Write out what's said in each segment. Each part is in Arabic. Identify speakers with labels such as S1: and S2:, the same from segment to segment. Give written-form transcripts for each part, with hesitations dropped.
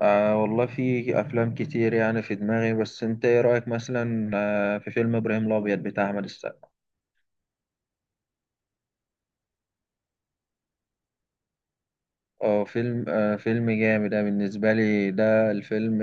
S1: آه والله في أفلام كتير يعني في دماغي، بس أنت إيه رأيك مثلا في فيلم إبراهيم الأبيض بتاع أحمد السقا؟ أه فيلم فيلم جامد. ده بالنسبة لي ده الفيلم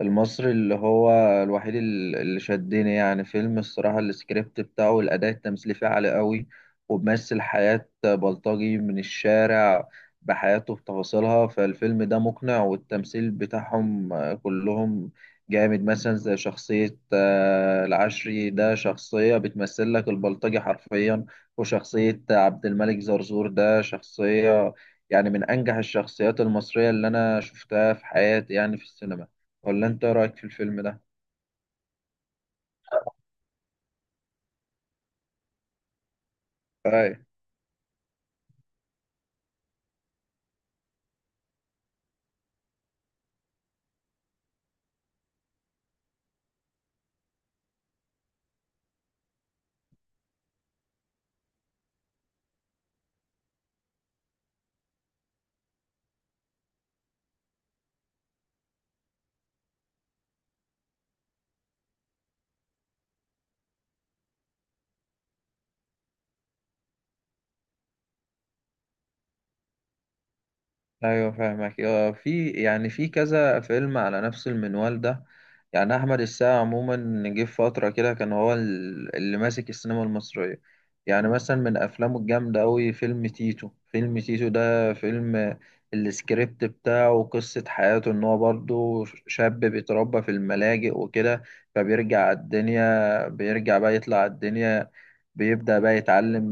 S1: المصري اللي هو الوحيد اللي شدني. يعني فيلم الصراحة السكريبت بتاعه والأداء التمثيلي فيه عالي قوي، وبيمثل حياة بلطجي من الشارع بحياته بتفاصيلها. فالفيلم ده مقنع، والتمثيل بتاعهم كلهم جامد. مثلا زي شخصية العشري، ده شخصية بتمثل لك البلطجي حرفيا. وشخصية عبد الملك زرزور ده شخصية يعني من أنجح الشخصيات المصرية اللي أنا شفتها في حياتي يعني في السينما. ولا انت إيه رايك في الفيلم ده؟ اي. ايوه فاهمك. في يعني في كذا فيلم على نفس المنوال ده. يعني احمد السقا عموما جه في فتره كده كان هو اللي ماسك السينما المصريه. يعني مثلا من افلامه الجامده قوي فيلم تيتو. فيلم تيتو ده فيلم السكريبت بتاعه قصه حياته ان هو برضه شاب بيتربى في الملاجئ وكده، فبيرجع على الدنيا، بيرجع بقى يطلع على الدنيا، بيبدأ بقى يتعلم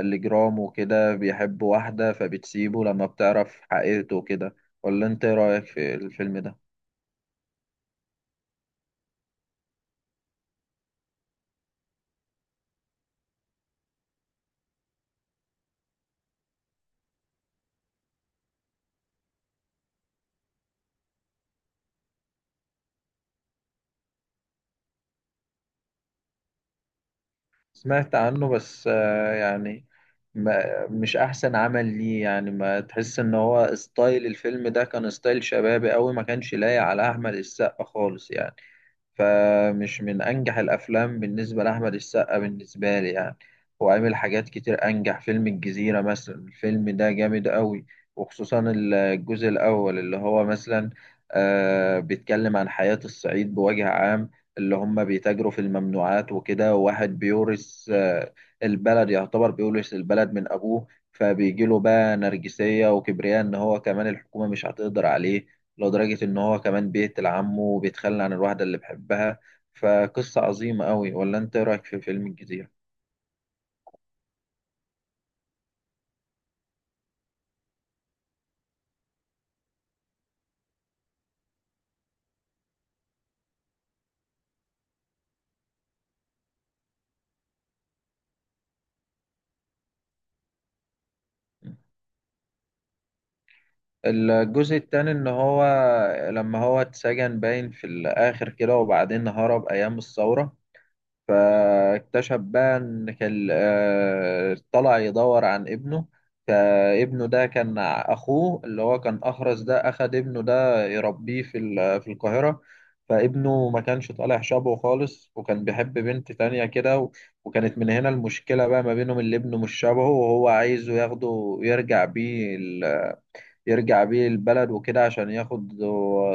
S1: الجرام وكده، بيحب واحدة فبتسيبه لما بتعرف حقيقته وكده. ولا انت ايه رأيك في الفيلم ده؟ سمعت عنه، بس يعني ما مش احسن عمل ليه. يعني ما تحس ان هو ستايل الفيلم ده كان ستايل شبابي قوي، ما كانش لايق على احمد السقا خالص يعني. فمش من أنجح الأفلام بالنسبة لأحمد السقا بالنسبة لي يعني. هو عامل حاجات كتير أنجح. فيلم الجزيرة مثلا الفيلم ده جامد قوي، وخصوصا الجزء الأول اللي هو مثلا آه بيتكلم عن حياة الصعيد بوجه عام، اللي هم بيتاجروا في الممنوعات وكده، وواحد بيورث آه البلد، يعتبر بيورث البلد من أبوه، فبيجيله بقى نرجسية وكبرياء إن هو كمان الحكومة مش هتقدر عليه، لدرجة إن هو كمان بيقتل عمه وبيتخلى عن الواحدة اللي بيحبها. فقصة عظيمة أوي. ولا أنت إيه رأيك في فيلم الجزيرة؟ الجزء التاني إن هو لما هو اتسجن باين في الآخر كده، وبعدين هرب أيام الثورة، فاكتشف بقى ان كان طلع يدور عن ابنه. فابنه ده كان اخوه اللي هو كان اخرس، ده اخد ابنه ده يربيه في في القاهرة، فابنه ما كانش طالع شبهه خالص، وكان بيحب بنت تانية كده وكانت من هنا المشكلة بقى ما بينهم، اللي ابنه مش شبهه وهو عايزه ياخده يرجع بيه، يرجع بيه البلد وكده عشان ياخد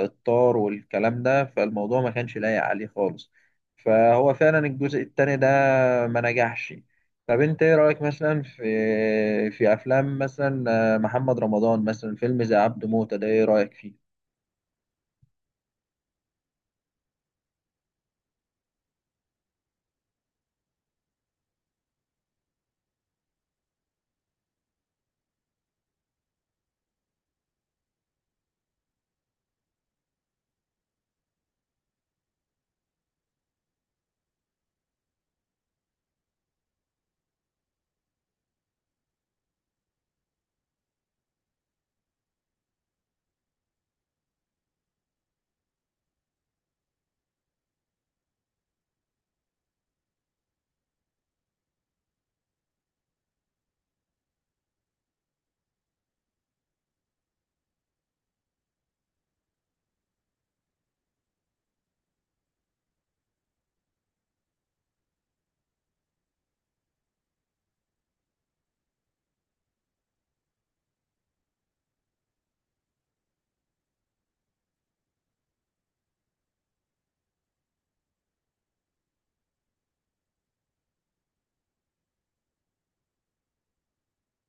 S1: الطار والكلام ده. فالموضوع ما كانش لايق عليه خالص. فهو فعلا الجزء التاني ده ما نجحش. طب انت ايه رأيك مثلا في في افلام مثلا محمد رمضان؟ مثلا فيلم زي عبده موتة ده، ايه رأيك فيه؟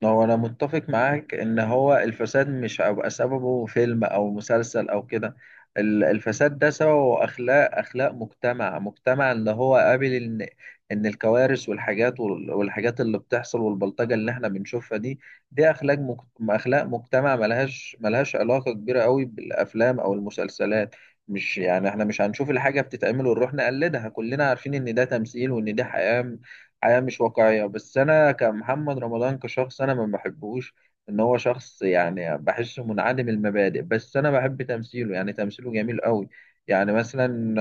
S1: هو انا متفق معاك ان هو الفساد مش هيبقى سببه فيلم او مسلسل او كده. الفساد ده سببه اخلاق، اخلاق مجتمع، اللي هو قابل ان ان الكوارث والحاجات والحاجات اللي بتحصل والبلطجة اللي احنا بنشوفها دي، دي اخلاق اخلاق مجتمع، ملهاش علاقة كبيرة قوي بالافلام او المسلسلات. مش يعني احنا مش هنشوف الحاجة بتتعمل ونروح نقلدها، كلنا عارفين ان ده تمثيل وان دي حياة، مش واقعية. بس أنا كمحمد رمضان كشخص أنا ما بحبهوش، إن هو شخص يعني بحسه منعدم المبادئ، بس أنا بحب تمثيله، يعني تمثيله جميل قوي. يعني مثلا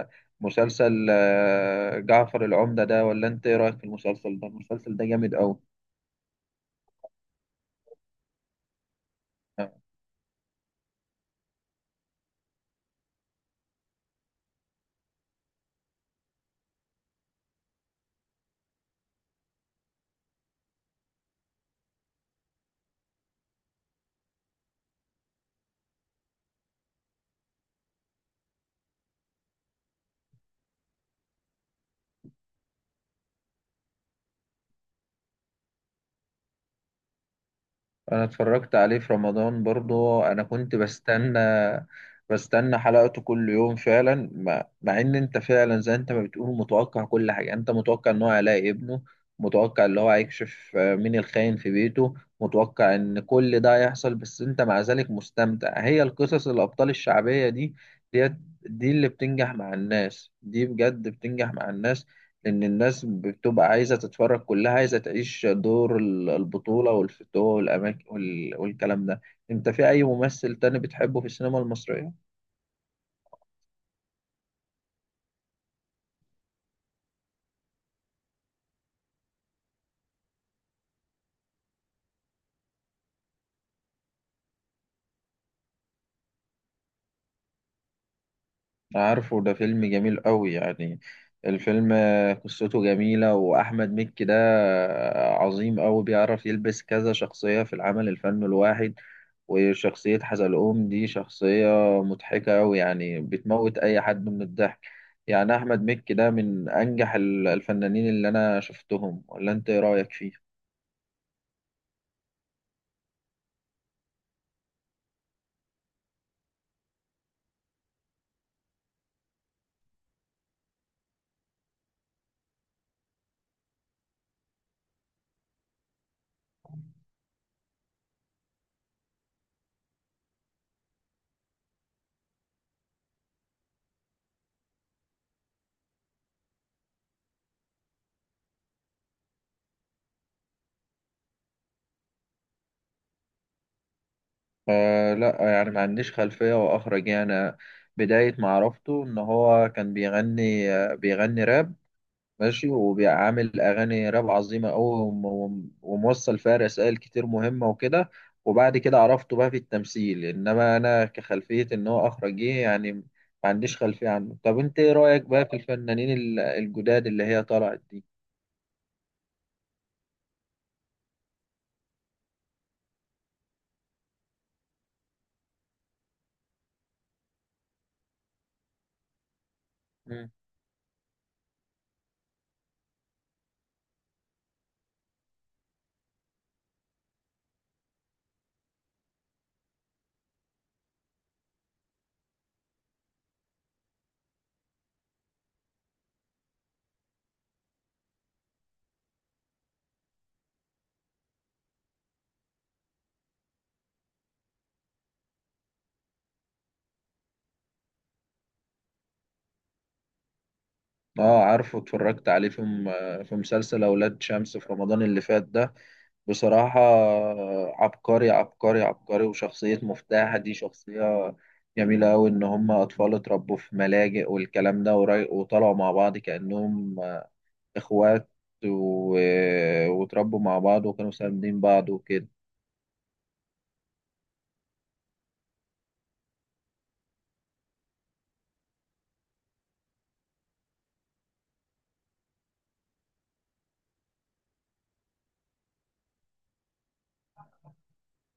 S1: آه، مسلسل جعفر العمدة ده، ولا أنت إيه رأيك في المسلسل ده؟ المسلسل ده جامد قوي. انا اتفرجت عليه في رمضان برضه، انا كنت بستنى، حلقته كل يوم فعلا. مع ان انت فعلا زي انت ما بتقول متوقع كل حاجه، انت متوقع ان هو هيلاقي ابنه، متوقع ان هو هيكشف مين الخاين في بيته، متوقع ان كل ده هيحصل، بس انت مع ذلك مستمتع. هي القصص الابطال الشعبيه دي، دي, دي اللي بتنجح مع الناس، دي بجد بتنجح مع الناس، لأن الناس بتبقى عايزة تتفرج، كلها عايزة تعيش دور البطولة والفتوة والأماكن والكلام ده. أنت في أي ممثل تاني بتحبه في السينما المصرية؟ عارفه، ده فيلم جميل قوي يعني. الفيلم قصته جميلة، وأحمد مكي ده عظيم قوي، بيعرف يلبس كذا شخصية في العمل الفني الواحد. وشخصية حزلقوم دي شخصية مضحكة قوي، يعني بتموت أي حد من الضحك. يعني أحمد مكي ده من أنجح الفنانين اللي أنا شفتهم. ولا أنت إيه رأيك فيه؟ آه لا، يعني ما عنديش خلفية وأخرج يعني. بداية معرفته إن هو كان بيغني بيغني راب، ماشي، وبيعمل أغاني راب عظيمة أوي، وموصل فيها رسائل كتير مهمة وكده. وبعد كده عرفته بقى في التمثيل، إنما أنا كخلفية إن هو أخرجي يعني ما عنديش خلفية عنه. طب أنت إيه رأيك بقى في الفنانين الجداد اللي هي طلعت دي؟ مم. آه عارفه، اتفرجت عليه في في مسلسل أولاد شمس في رمضان اللي فات ده. بصراحة عبقري، عبقري، عبقري. وشخصية مفتاح دي شخصية جميلة أوي، إن هما أطفال اتربوا في ملاجئ والكلام ده وطلعوا مع بعض كأنهم إخوات و... واتربوا مع بعض وكانوا ساندين بعض وكده.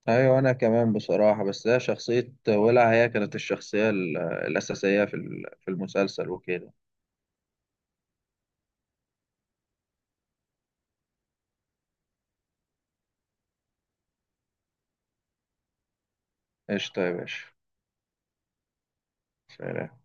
S1: أيوة أنا كمان بصراحة. بس هي شخصية ولع هي كانت الشخصية الأساسية في في المسلسل وكده. قشطة يا باشا. سلام.